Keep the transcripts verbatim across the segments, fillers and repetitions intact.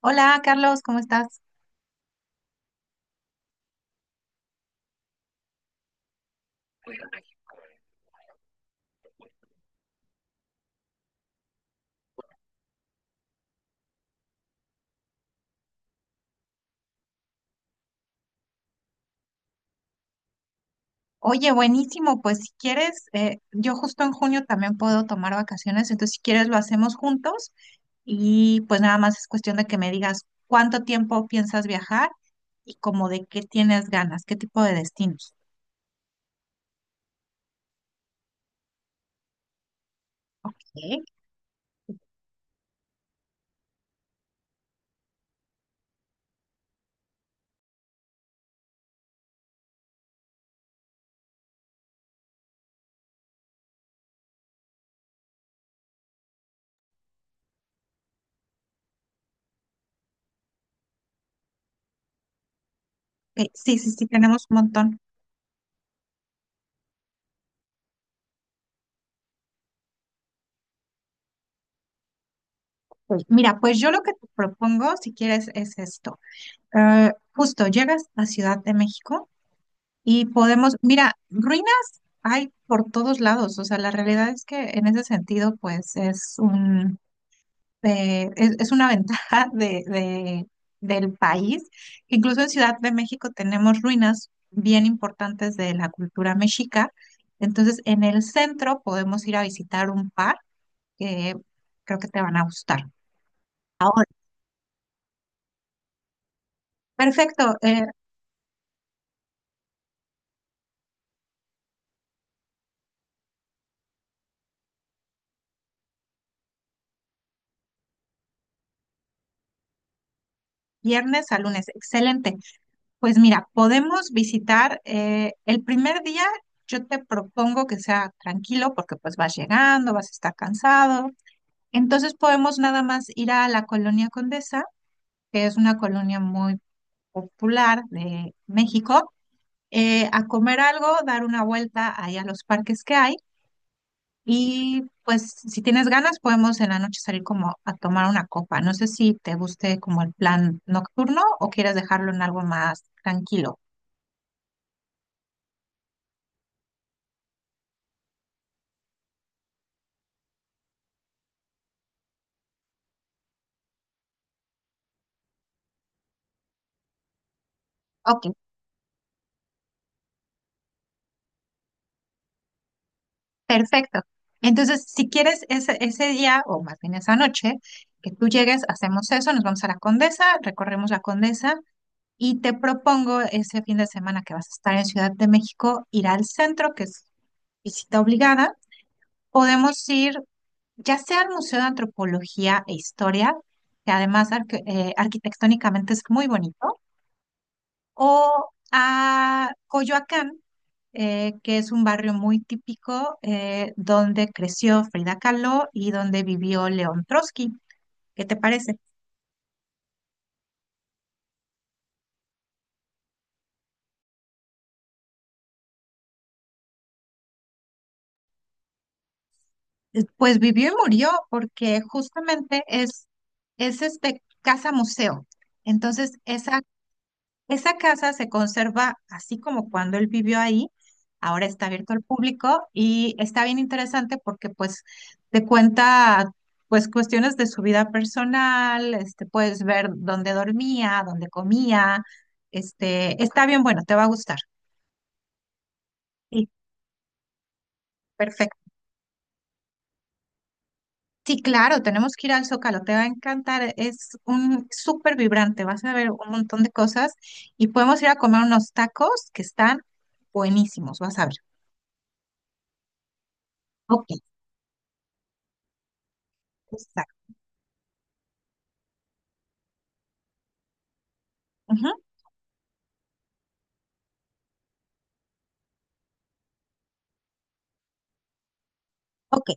Hola Carlos, ¿cómo estás? Oye, buenísimo, pues si quieres, eh, yo justo en junio también puedo tomar vacaciones, entonces si quieres lo hacemos juntos y pues nada más es cuestión de que me digas cuánto tiempo piensas viajar y como de qué tienes ganas, qué tipo de destinos. Ok. Ok, sí, sí, sí, tenemos un montón. Pues mira, pues yo lo que te propongo, si quieres, es esto. Eh, justo llegas a Ciudad de México y podemos, mira, ruinas hay por todos lados, o sea, la realidad es que en ese sentido, pues es un, eh, es, es una ventaja de, de- del país. Incluso en Ciudad de México tenemos ruinas bien importantes de la cultura mexica. Entonces, en el centro podemos ir a visitar un par que creo que te van a gustar. Perfecto, eh, viernes a lunes, excelente. Pues mira, podemos visitar eh, el primer día, yo te propongo que sea tranquilo porque pues vas llegando, vas a estar cansado. Entonces podemos nada más ir a la Colonia Condesa, que es una colonia muy popular de México, eh, a comer algo, dar una vuelta ahí a los parques que hay y pues si tienes ganas podemos en la noche salir como a tomar una copa. No sé si te guste como el plan nocturno o quieres dejarlo en algo más tranquilo. Ok, perfecto. Entonces, si quieres ese, ese día, o más bien esa noche, que tú llegues, hacemos eso, nos vamos a la Condesa, recorremos la Condesa y te propongo ese fin de semana que vas a estar en Ciudad de México, ir al centro, que es visita obligada. Podemos ir ya sea al Museo de Antropología e Historia, que además arque- eh, arquitectónicamente es muy bonito, o a Coyoacán, eh, que es un barrio muy típico eh, donde creció Frida Kahlo y donde vivió León Trotsky. ¿Qué te parece? Eh, Pues vivió y murió porque justamente es, es este casa museo. Entonces, esa esa casa se conserva así como cuando él vivió ahí, ahora está abierto al público y está bien interesante porque pues te cuenta pues cuestiones de su vida personal, este, puedes ver dónde dormía, dónde comía, este, está bien bueno, te va a gustar. Sí, perfecto. Sí, claro, tenemos que ir al Zócalo, te va a encantar, es un súper vibrante, vas a ver un montón de cosas y podemos ir a comer unos tacos que están buenísimos, vas a ver. Ok, exacto. Ujú, ok,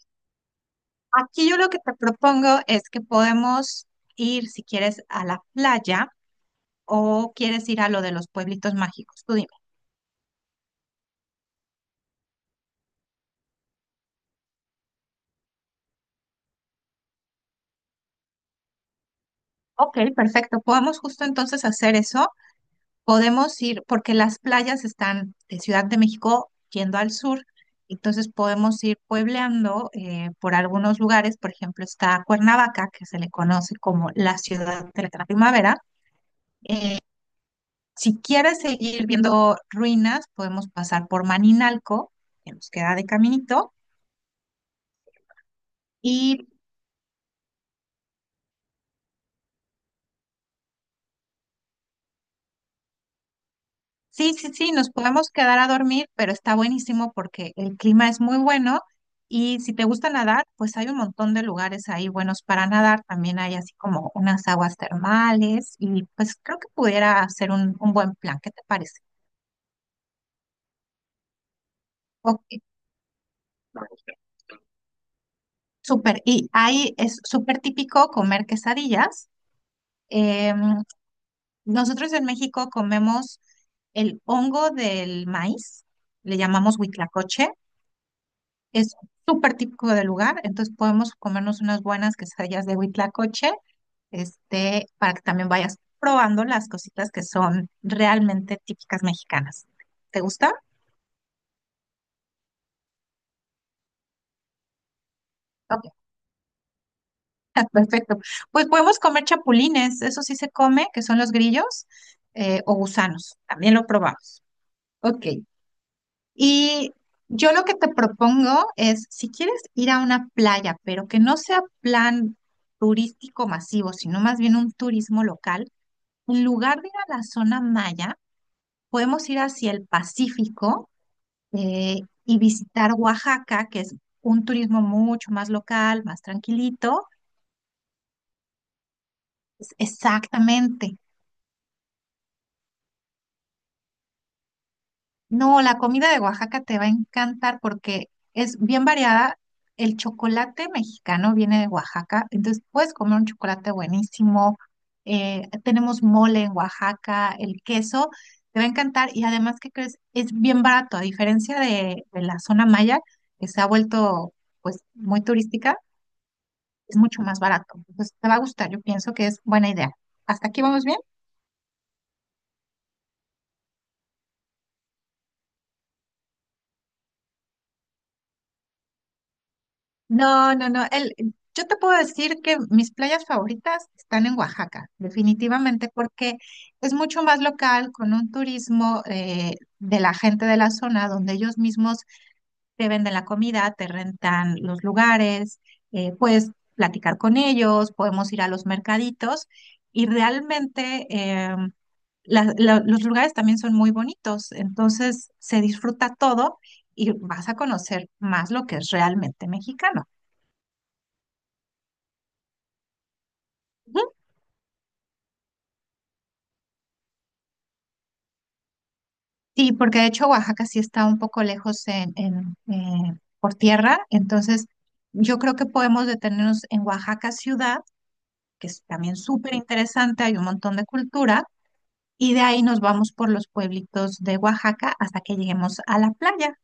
aquí yo lo que te propongo es que podemos ir, si quieres, a la playa o quieres ir a lo de los pueblitos mágicos. Tú dime. Ok, perfecto. Podemos justo entonces hacer eso. Podemos ir, porque las playas están de Ciudad de México yendo al sur, entonces podemos ir puebleando eh, por algunos lugares. Por ejemplo, está Cuernavaca, que se le conoce como la ciudad de la primavera. eh, Si quieres seguir viendo ruinas, podemos pasar por Maninalco, que nos queda de caminito. Y sí, sí, sí, nos podemos quedar a dormir, pero está buenísimo porque el clima es muy bueno. Y si te gusta nadar, pues hay un montón de lugares ahí buenos para nadar. También hay así como unas aguas termales y pues creo que pudiera ser un, un buen plan. ¿Qué te parece? Ok, súper. Y ahí es súper típico comer quesadillas. em, Nosotros en México comemos el hongo del maíz, le llamamos huitlacoche, es súper típico del lugar, entonces podemos comernos unas buenas quesadillas de huitlacoche, este, para que también vayas probando las cositas que son realmente típicas mexicanas. ¿Te gusta? Ok, perfecto. Pues podemos comer chapulines, eso sí se come, que son los grillos, eh, o gusanos, también lo probamos. Ok, y yo lo que te propongo es, si quieres ir a una playa, pero que no sea plan turístico masivo, sino más bien un turismo local, en lugar de ir a la zona maya, podemos ir hacia el Pacífico eh, y visitar Oaxaca, que es un turismo mucho más local, más tranquilito. Es- Exactamente. No, la comida de Oaxaca te va a encantar porque es bien variada. El chocolate mexicano viene de Oaxaca, entonces puedes comer un chocolate buenísimo. Eh, tenemos mole en Oaxaca, el queso, te va a encantar y además, ¿qué crees? Es bien barato, a diferencia de, de la zona maya, que se ha vuelto pues muy turística, es mucho más barato. Entonces te va a gustar, yo pienso que es buena idea. ¿Hasta aquí vamos bien? No, no, no. El, yo te puedo decir que mis playas favoritas están en Oaxaca, definitivamente, porque es mucho más local, con un turismo eh, de la gente de la zona, donde ellos mismos te venden la comida, te rentan los lugares, eh, puedes platicar con ellos, podemos ir a los mercaditos y realmente em, la- la- los lugares también son muy bonitos, entonces se disfruta todo y vas a conocer más lo que es realmente mexicano. Sí, porque de hecho Oaxaca sí está un poco lejos en, en, eh, por tierra, entonces yo creo que podemos detenernos en Oaxaca ciudad, que es también súper interesante, hay un montón de cultura, y de ahí nos vamos por los pueblitos de Oaxaca hasta que lleguemos a la playa.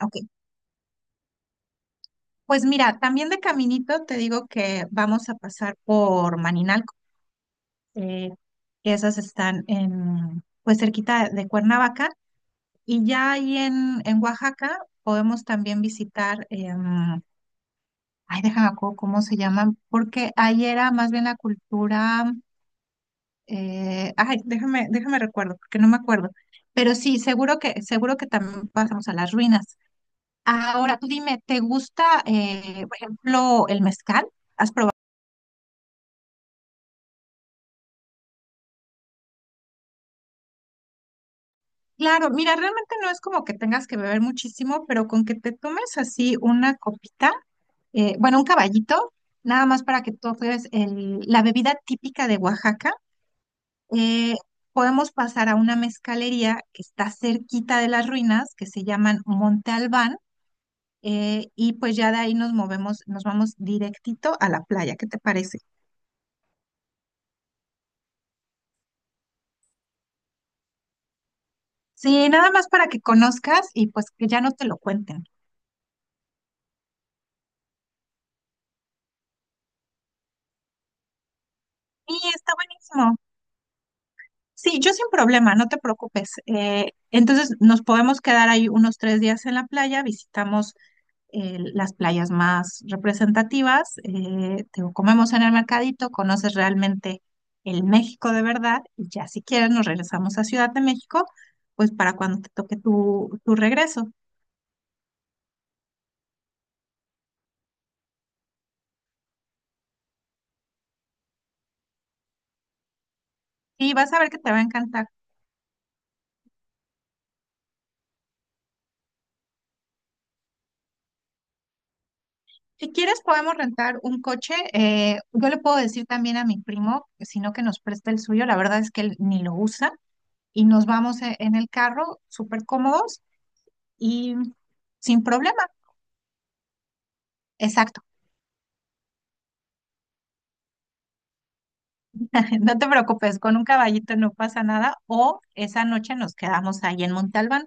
Ok, pues mira, también de caminito te digo que vamos a pasar por Maninalco, eh, que esas están en, pues cerquita de Cuernavaca. Y ya ahí en, en Oaxaca podemos también visitar, em, ay, déjame acuerdo cómo se llaman, porque ahí era más bien la cultura, eh, ay, déjame, déjame recuerdo, porque no me acuerdo. Pero sí, seguro que, seguro que también pasamos a las ruinas. Ahora, tú dime, ¿te gusta, eh, por ejemplo, el mezcal? Claro, mira, realmente no es como que tengas que beber muchísimo, pero con que te tomes así una copita. Eh, bueno, un caballito, nada más para que tú veas el- la bebida típica de Oaxaca. Eh, Podemos pasar a una mezcalería que está cerquita de las ruinas, que se llaman Monte Albán, eh, y pues ya de ahí nos movemos, nos vamos directito a la playa, ¿qué te parece? Sí, nada más para que conozcas y pues que ya no te lo cuenten. Sí, está buenísimo. Sí, yo sin problema, no te preocupes. Eh, entonces nos podemos quedar ahí unos tres días en la playa, visitamos eh, las playas más representativas, eh, te lo comemos en el mercadito, conoces realmente el México de verdad y ya si quieres nos regresamos a Ciudad de México, pues para cuando te toque tu, tu regreso. Y vas a ver que te va a encantar. Si quieres podemos rentar un coche, eh, yo le puedo decir también a mi primo, si no que nos preste el suyo, la verdad es que él ni lo usa y nos vamos e- en el carro súper cómodos y sin problema. Exacto. No te preocupes, con un caballito no pasa nada o esa noche nos quedamos ahí en Montalbán.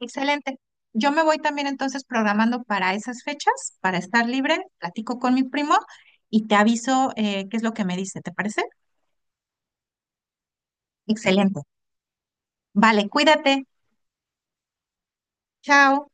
Excelente. Yo me voy también entonces programando para esas fechas, para estar libre, platico con mi primo y te aviso eh, qué es lo que me dice, ¿te parece? Excelente. Vale, cuídate. Chao.